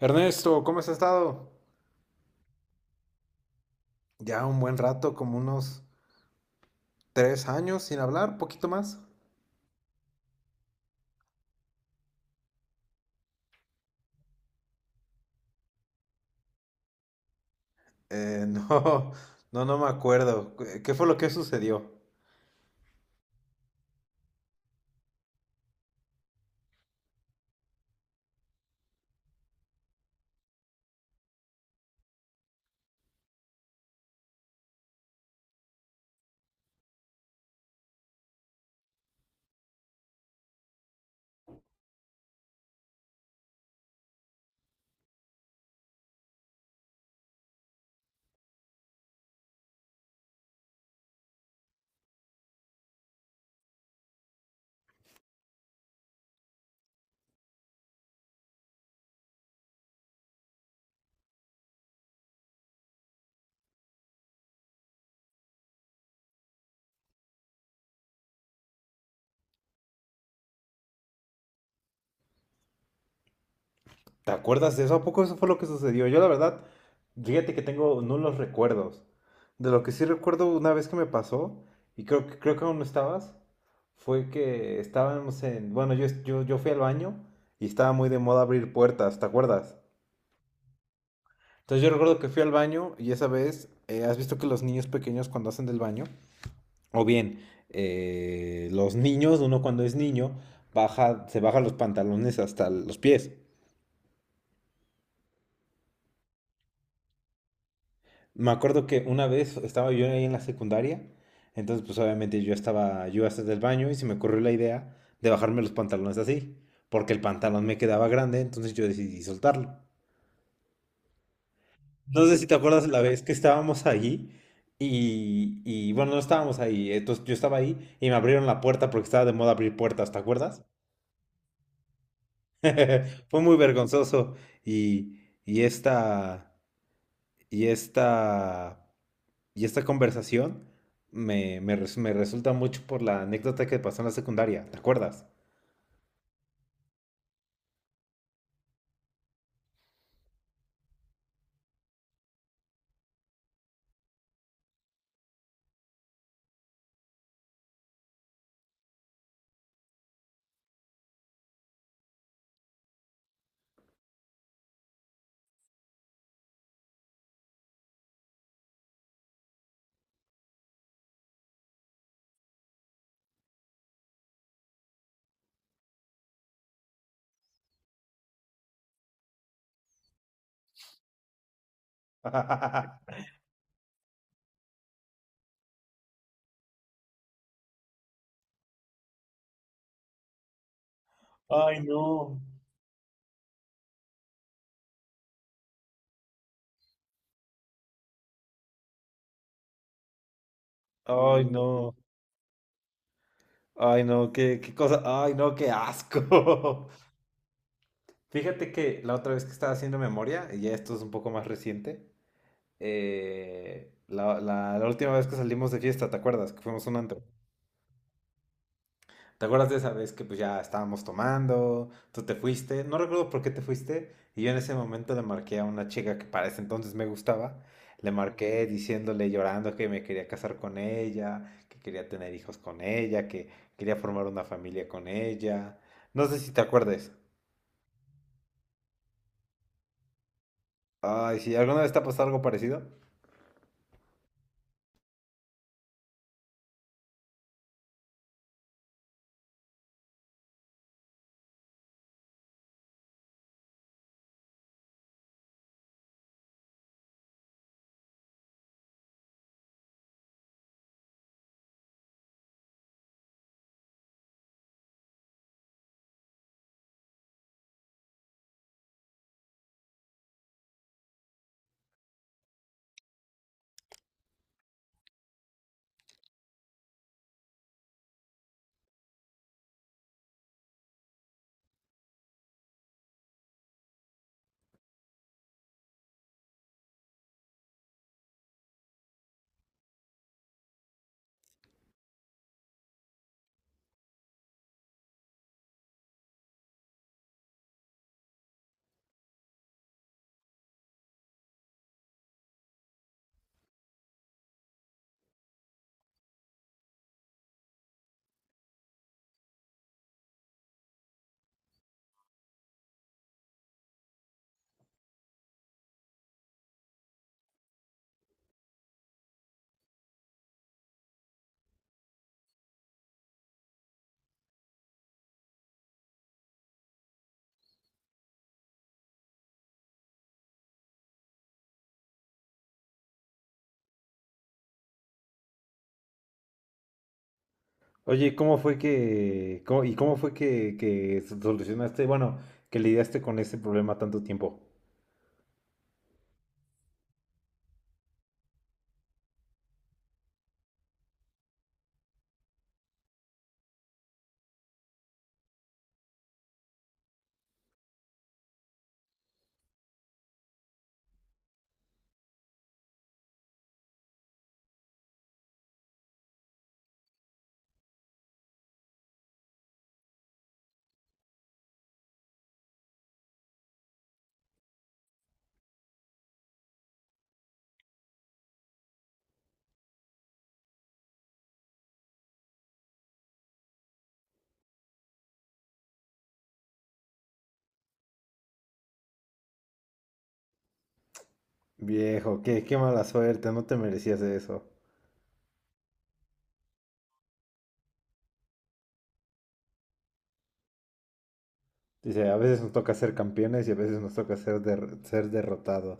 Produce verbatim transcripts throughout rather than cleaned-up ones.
Ernesto, ¿cómo has estado? Ya un buen rato, como unos tres años sin hablar, poquito más. Eh, no, no, no me acuerdo. ¿Qué qué fue lo que sucedió? ¿Te acuerdas de eso? ¿A poco eso fue lo que sucedió? Yo la verdad, fíjate que tengo nulos recuerdos. De lo que sí recuerdo una vez que me pasó, y creo que, creo que aún no estabas. Fue que estábamos en... Bueno, yo, yo, yo fui al baño y estaba muy de moda abrir puertas, ¿te acuerdas? Entonces yo recuerdo que fui al baño y esa vez, eh, has visto que los niños pequeños cuando hacen del baño, o bien eh, los niños, uno cuando es niño, baja, se baja los pantalones hasta los pies. Me acuerdo que una vez estaba yo ahí en la secundaria, entonces pues obviamente yo estaba, yo hasta del baño y se me ocurrió la idea de bajarme los pantalones así, porque el pantalón me quedaba grande, entonces yo decidí soltarlo. No sé si te acuerdas la vez que estábamos ahí y, y, bueno, no estábamos ahí, entonces yo estaba ahí y me abrieron la puerta porque estaba de moda abrir puertas, ¿te acuerdas? Fue muy vergonzoso y, y esta, y esta, y esta conversación me, me res- me resulta mucho por la anécdota que pasó en la secundaria, ¿te acuerdas? Ay, no. Ay, no. Ay, no, qué, qué cosa. Ay, no, qué asco. Fíjate que la otra vez que estaba haciendo memoria, y ya esto es un poco más reciente, eh, la, la- la última vez que salimos de fiesta, ¿te acuerdas? Que fuimos a un antro. ¿Te acuerdas de esa vez que pues ya estábamos tomando, tú te fuiste? No recuerdo por qué te fuiste, y yo en ese momento le marqué a una chica que para ese entonces me gustaba, le marqué diciéndole, llorando, que me quería casar con ella, que quería tener hijos con ella, que quería formar una familia con ella. No sé si te acuerdes. Ay, sí, ¿alguna vez te ha pasado algo parecido? Oye, ¿cómo fue que, cómo- y cómo fue que, que solucionaste, bueno, que lidiaste con ese problema tanto tiempo? Viejo, qué, qué mala suerte, no te merecías eso. Dice, a veces nos toca ser campeones y a veces nos toca ser, der- ser derrotados.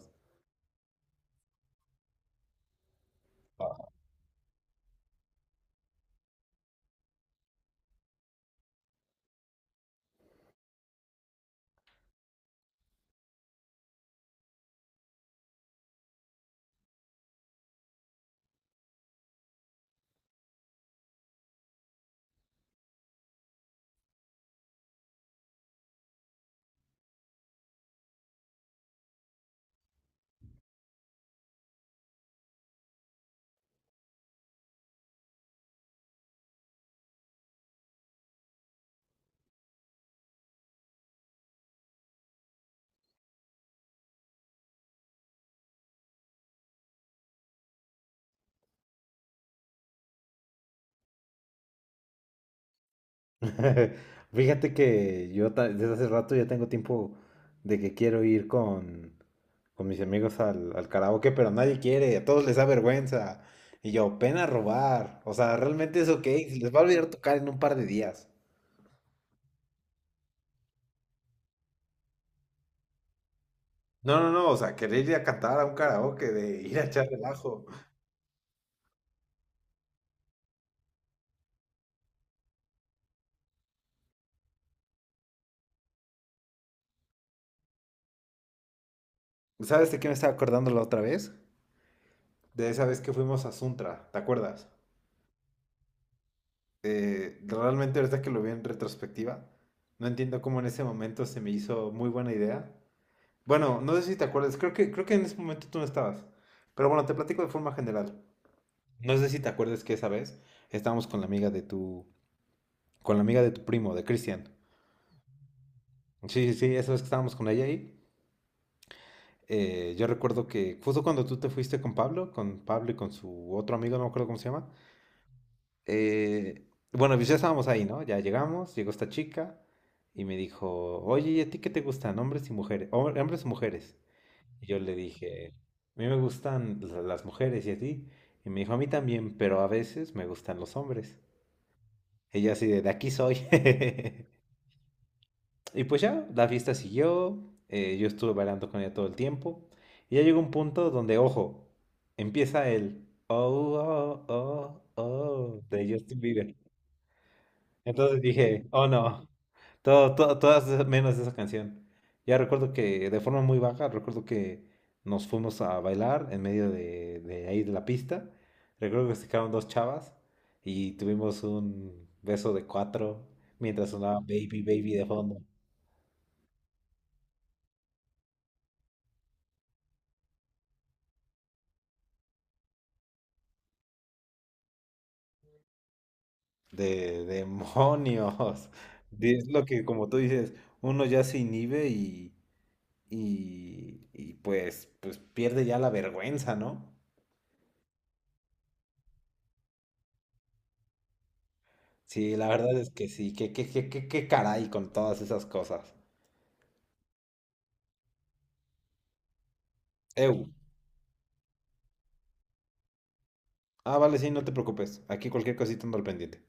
Fíjate que yo ta- desde hace rato ya tengo tiempo de que quiero ir con, con mis amigos al, al karaoke, pero nadie quiere, a todos les da vergüenza. Y yo, pena robar. O sea, realmente es OK, se les va a olvidar tocar en un par de días. No, no, no, o sea, querer ir a cantar a un karaoke, de ir a echar relajo. ¿Sabes de qué me estaba acordando la otra vez? De esa vez que fuimos a Suntra, ¿te acuerdas? Eh, realmente ahorita que lo vi en retrospectiva, no entiendo cómo en ese momento se me hizo muy buena idea. Bueno, no sé si te acuerdas, creo que, creo que en ese momento tú no estabas. Pero bueno, te platico de forma general. No sé si te acuerdas que esa vez estábamos con la amiga de tu, con la amiga de tu primo, de Cristian. Sí, sí, sí, esa vez que estábamos con ella ahí. Eh, yo recuerdo que justo cuando tú te fuiste con Pablo, con Pablo y con su otro amigo, no me acuerdo cómo se llama, eh, bueno, pues ya estábamos ahí, ¿no? Ya llegamos, llegó esta chica y me dijo, oye, ¿y a ti qué te gustan, hombres y mujeres? Hom- ¿Hombres o mujeres? Y yo le dije, a mí me gustan la- las mujeres y a ti. Y me dijo, a mí también, pero a veces me gustan los hombres. Ella así de, de aquí soy. Y pues ya, la fiesta siguió, eh, yo estuve bailando con ella todo el tiempo. Y ya llegó un punto donde, ojo, empieza el oh, oh, oh, oh de Justin Bieber. Entonces dije, oh no, todo, todo- todas esas- menos esa canción. Ya recuerdo que de forma muy baja, recuerdo que nos fuimos a bailar en medio de, de ahí de la pista. Recuerdo que se quedaron dos chavas y tuvimos un beso de cuatro mientras sonaba Baby Baby de fondo. De demonios. Es lo que, como tú dices, uno ya se inhibe y, y, y pues, pues pierde ya la vergüenza, ¿no? Sí, la verdad es que sí, que, que, que, que, que caray con todas esas cosas. Eu. Ah, vale, sí, no te preocupes. Aquí cualquier cosita ando al pendiente.